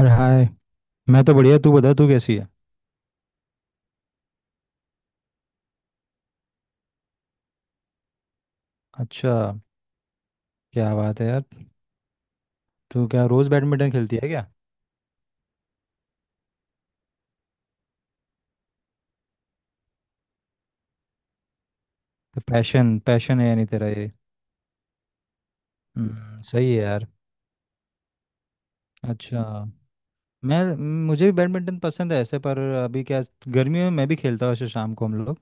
अरे हाय। मैं तो बढ़िया, तू बता तू कैसी है? अच्छा। क्या बात है यार। तू क्या रोज बैडमिंटन खेलती है क्या? तो पैशन पैशन है यानी तेरा ये? सही है यार। अच्छा। मैं मुझे भी बैडमिंटन पसंद है ऐसे, पर अभी क्या, गर्मियों में मैं भी खेलता हूँ ऐसे शाम को, हम लोग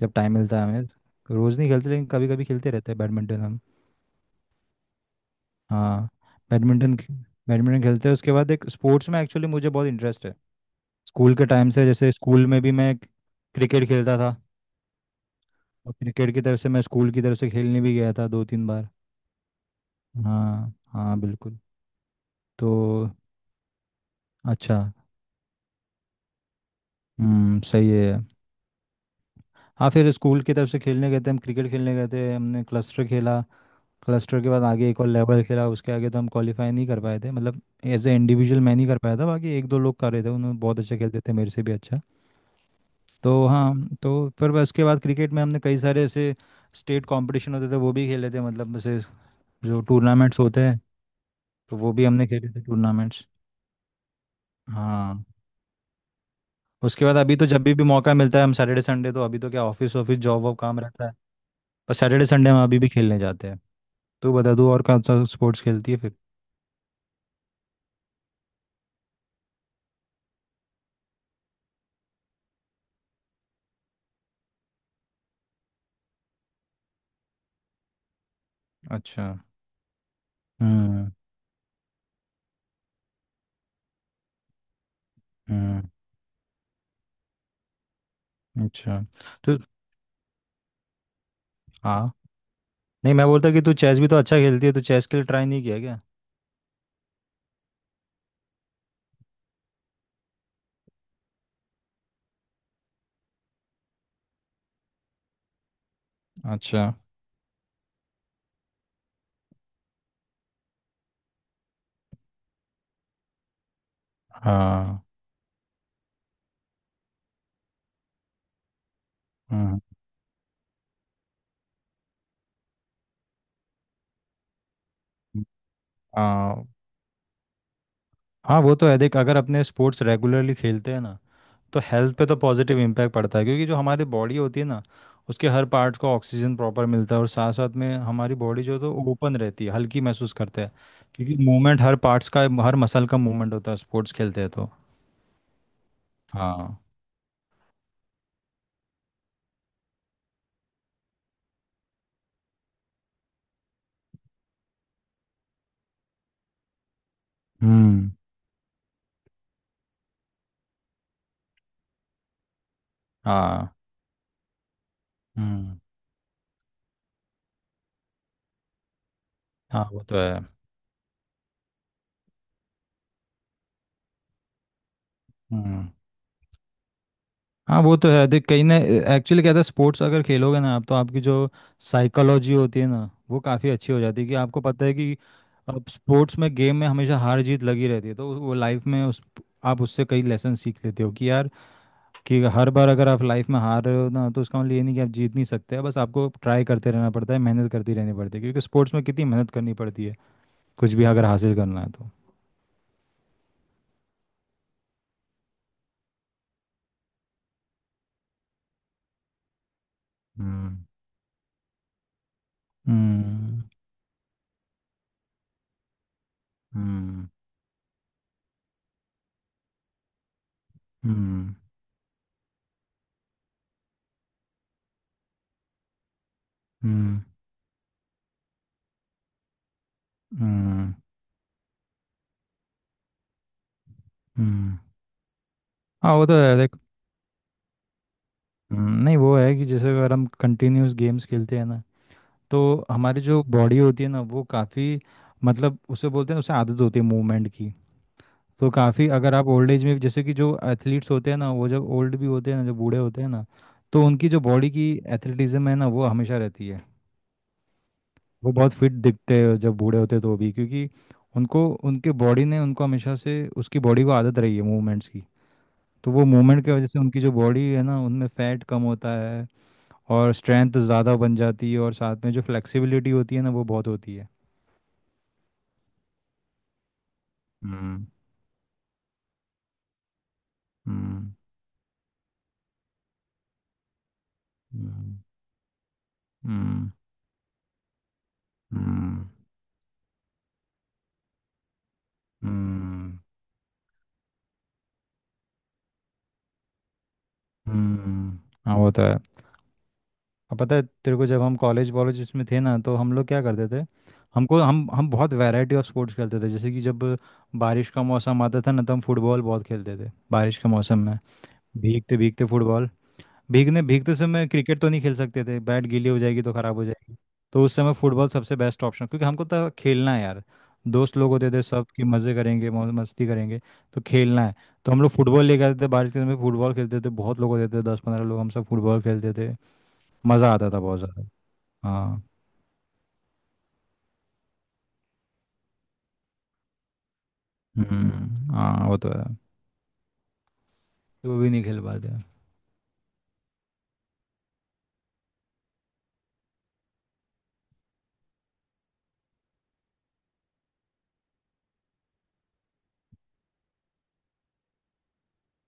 जब टाइम मिलता है हमें। रोज नहीं खेलते, लेकिन कभी कभी खेलते रहते हैं बैडमिंटन हम। हाँ, बैडमिंटन बैडमिंटन खेलते हैं उसके बाद। एक स्पोर्ट्स में एक्चुअली मुझे बहुत इंटरेस्ट है स्कूल के टाइम से, जैसे स्कूल में भी मैं क्रिकेट खेलता था। और क्रिकेट की तरफ से मैं, स्कूल की तरफ से खेलने भी गया था दो तीन बार। हाँ हाँ बिल्कुल। तो अच्छा। हम्म, सही है। हाँ, फिर स्कूल की तरफ से खेलने गए थे हम, क्रिकेट खेलने गए थे, हमने क्लस्टर खेला। क्लस्टर के बाद आगे एक और लेवल खेला, उसके आगे तो हम क्वालिफाई नहीं कर पाए थे, मतलब एज ए इंडिविजुअल मैं नहीं कर पाया था। बाकी एक दो लोग कर रहे थे, उन्होंने बहुत अच्छा खेलते थे, मेरे से भी अच्छा। तो हाँ, तो फिर बस उसके बाद क्रिकेट में हमने कई सारे ऐसे स्टेट कंपटीशन होते थे, वो भी खेले थे, मतलब ऐसे जो टूर्नामेंट्स होते हैं, तो वो भी हमने खेले थे टूर्नामेंट्स। हाँ, उसके बाद अभी तो जब भी मौका मिलता है, हम सैटरडे संडे, तो अभी तो क्या, ऑफिस ऑफिस जॉब वॉब काम रहता है, पर सैटरडे संडे हम अभी भी खेलने जाते हैं। तू बता, तू और कौन सा स्पोर्ट्स खेलती है फिर? अच्छा। हम्म। हम्म। अच्छा। तो हाँ, नहीं, मैं बोलता कि तू चेस भी तो अच्छा खेलती है, तो चेस के लिए ट्राई नहीं किया क्या? अच्छा। हाँ। हम्म। हाँ, हाँ वो तो है देख। अगर अपने स्पोर्ट्स रेगुलरली खेलते हैं ना, तो हेल्थ पे तो पॉजिटिव इम्पैक्ट पड़ता है, क्योंकि जो हमारी बॉडी होती है ना, उसके हर पार्ट को ऑक्सीजन प्रॉपर मिलता है, और साथ साथ में हमारी बॉडी जो है तो ओपन रहती है, हल्की महसूस करते हैं, क्योंकि मूवमेंट हर पार्ट्स का, हर मसल का मूवमेंट होता है स्पोर्ट्स खेलते हैं तो। हाँ। हम्म। हाँ। हम्म। हाँ वो तो है। हम्म। हाँ वो तो है देख, कहीं ना, एक्चुअली क्या था, स्पोर्ट्स अगर खेलोगे ना आप, तो आपकी जो साइकोलॉजी होती है ना, वो काफ़ी अच्छी हो जाती है, कि आपको पता है कि अब स्पोर्ट्स में, गेम में हमेशा हार जीत लगी रहती है, तो वो लाइफ में उस, आप उससे कई लेसन सीख लेते हो कि यार, कि हर बार अगर आप लाइफ में हार रहे हो ना, तो उसका मतलब ये नहीं कि आप जीत नहीं सकते, बस आपको ट्राई करते रहना पड़ता है, मेहनत करती रहनी पड़ती है, क्योंकि स्पोर्ट्स में कितनी मेहनत करनी पड़ती है कुछ भी अगर हासिल करना है तो। हम्म। हम्म। हम्म। हम्म। हम्म। हम्म। हम्म। हाँ वो तो है देख। नहीं वो है कि जैसे अगर हम कंटिन्यूस गेम्स खेलते हैं ना, तो हमारी जो बॉडी होती है ना, वो काफ़ी, मतलब उसे बोलते हैं, उसे आदत होती है मूवमेंट की, तो काफ़ी अगर आप ओल्ड एज में, जैसे कि जो एथलीट्स होते हैं ना, वो जब ओल्ड भी होते हैं ना, जब बूढ़े होते हैं ना, तो उनकी जो बॉडी की एथलेटिज्म है ना, वो हमेशा रहती है। वो बहुत फिट दिखते हैं जब बूढ़े होते हैं तो भी, क्योंकि उनको, उनके बॉडी ने उनको हमेशा से, उसकी बॉडी को आदत रही है मूवमेंट्स की, तो वो मूवमेंट की वजह से उनकी जो बॉडी है ना, उनमें फैट कम होता है, और स्ट्रेंथ ज़्यादा बन जाती है, और साथ में जो फ्लेक्सिबिलिटी होती है ना, वो बहुत होती है। हम्म। हम्म। हम्म। हम्म। हम्म। हम्म। हम्म। हाँ वो तो है। अब पता है तेरे को, जब हम कॉलेज वॉलेज इसमें थे ना, तो हम लोग क्या करते थे, हमको हम बहुत वैरायटी ऑफ स्पोर्ट्स खेलते थे। जैसे कि जब बारिश का मौसम आता था ना, तो हम फुटबॉल बहुत खेलते थे बारिश के मौसम में, भीगते भीगते फुटबॉल। भीगने भीगते समय क्रिकेट तो नहीं खेल सकते थे, बैट गीली हो जाएगी तो ख़राब हो जाएगी, तो उस समय फुटबॉल सबसे बेस्ट ऑप्शन, क्योंकि हमको तो खेलना है यार। दोस्त लोग होते थे सब, कि मज़े करेंगे मौज मस्ती करेंगे, तो खेलना है। तो हम लोग फुटबॉल लेके आते थे, बारिश के समय फुटबॉल खेलते थे, बहुत लोग होते थे 10 15 लोग, हम सब फुटबॉल खेलते थे, मज़ा आता था बहुत ज़्यादा। हाँ। हम्म। हाँ वो तो है। वो भी नहीं खेल पाते।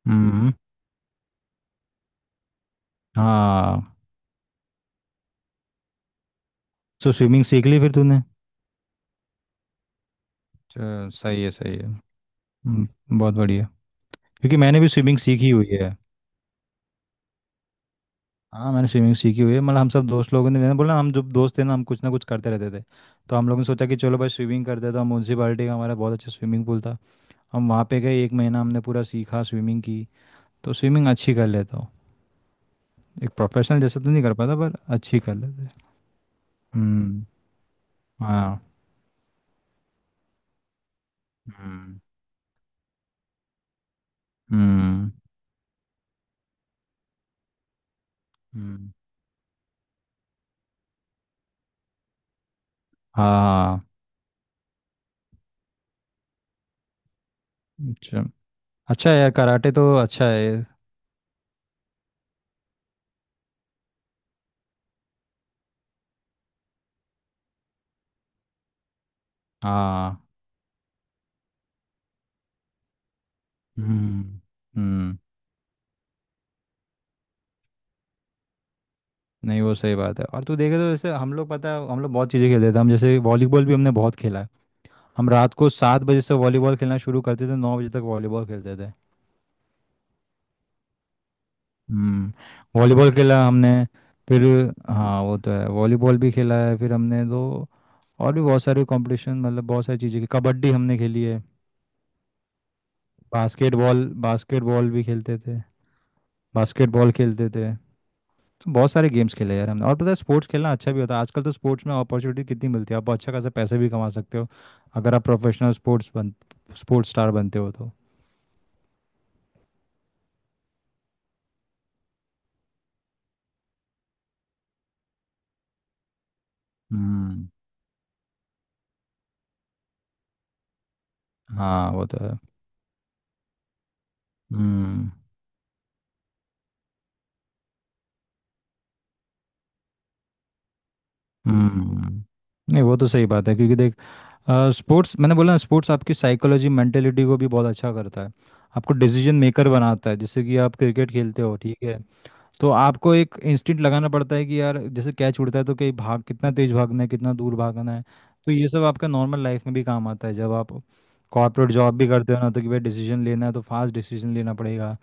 हम्म। हाँ। तो स्विमिंग सीख ली फिर तूने? चल, सही है सही है। बहुत बढ़िया, क्योंकि मैंने भी स्विमिंग सीखी हुई है। हाँ, मैंने स्विमिंग सीखी हुई है, मतलब हम सब दोस्त लोगों ने, मैंने बोला हम जब दोस्त थे ना, हम कुछ ना कुछ करते रहते थे, तो हम लोगों ने सोचा कि चलो भाई स्विमिंग करते हैं, तो हम म्यूनसिपाली का हमारा बहुत अच्छा स्विमिंग पूल था, हम वहाँ पे गए, एक महीना हमने पूरा सीखा स्विमिंग की, तो स्विमिंग अच्छी कर लेता हूँ, एक प्रोफेशनल जैसे तो नहीं कर पाता, पर अच्छी कर लेते हैं। हम्म। हाँ। हम्म। हम्म। हम्म, हाँ। अच्छा, अच्छा है यार, कराटे तो अच्छा है। हाँ। हम्म। हम्म। नहीं, वो सही बात है, और तू देखे तो जैसे हम लोग, पता है हम लोग बहुत चीज़ें खेलते थे हम, जैसे वॉलीबॉल भी हमने बहुत खेला है, हम रात को 7 बजे से वॉलीबॉल खेलना शुरू करते थे, 9 बजे तक वॉलीबॉल खेलते थे। हम्म। वॉलीबॉल खेला हमने, फिर हाँ वो तो है, वॉलीबॉल भी खेला है फिर हमने दो, और भी बहुत सारे कंपटीशन, मतलब बहुत सारी चीज़ें की, कबड्डी हमने खेली है, बास्केटबॉल, बास्केटबॉल भी खेलते थे, बास्केटबॉल खेलते थे, बहुत सारे गेम्स खेले यार हमने। और पता है, स्पोर्ट्स खेलना अच्छा भी होता है, आजकल तो स्पोर्ट्स में अपॉर्चुनिटी कितनी मिलती है, आप अच्छा खासा पैसे भी कमा सकते हो अगर आप प्रोफेशनल स्पोर्ट्स स्टार बनते हो तो। हम्म। हाँ वो तो है। हम्म। हम्म। नहीं वो तो सही बात है, क्योंकि देख, स्पोर्ट्स, मैंने बोला ना, स्पोर्ट्स आपकी साइकोलॉजी मेंटेलिटी को भी बहुत अच्छा करता है, आपको डिसीजन मेकर बनाता है, जैसे कि आप क्रिकेट खेलते हो ठीक है, तो आपको एक इंस्टिंक्ट लगाना पड़ता है कि यार जैसे कैच उड़ता है, तो कहीं भाग, कितना तेज भागना है, कितना दूर भागना है, तो ये सब आपका नॉर्मल लाइफ में भी काम आता है, जब आप कॉर्पोरेट जॉब भी करते हो ना, तो कि भाई डिसीजन लेना है, तो फास्ट डिसीजन लेना पड़ेगा,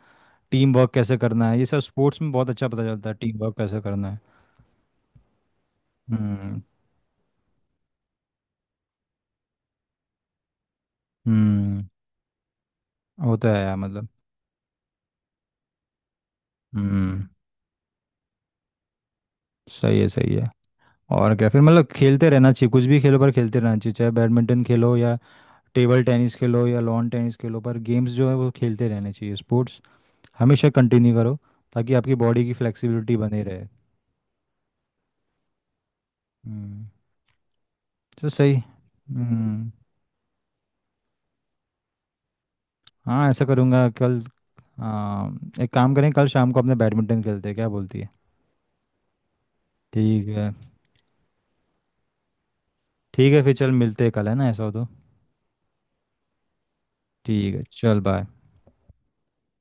टीम वर्क कैसे करना है, ये सब स्पोर्ट्स में बहुत अच्छा पता चलता है टीम वर्क कैसे करना है। हम्म। हम्म। होता है यार मतलब। हम्म, सही है सही है। और क्या फिर, मतलब खेलते रहना चाहिए, कुछ भी खेलो पर खेलते रहना चाहिए, चाहे बैडमिंटन खेलो या टेबल टेनिस खेलो या लॉन टेनिस खेलो, पर गेम्स जो है वो खेलते रहने चाहिए, स्पोर्ट्स हमेशा कंटिन्यू करो, ताकि आपकी बॉडी की फ्लेक्सिबिलिटी बनी रहे। हम्म। तो सही। हम्म, हाँ ऐसा करूँगा कल। आ, एक काम करें, कल शाम को अपने बैडमिंटन खेलते हैं, क्या बोलती है? ठीक है, ठीक है फिर, चल मिलते हैं कल, है ना, ऐसा हो तो। ठीक है, चल बाय।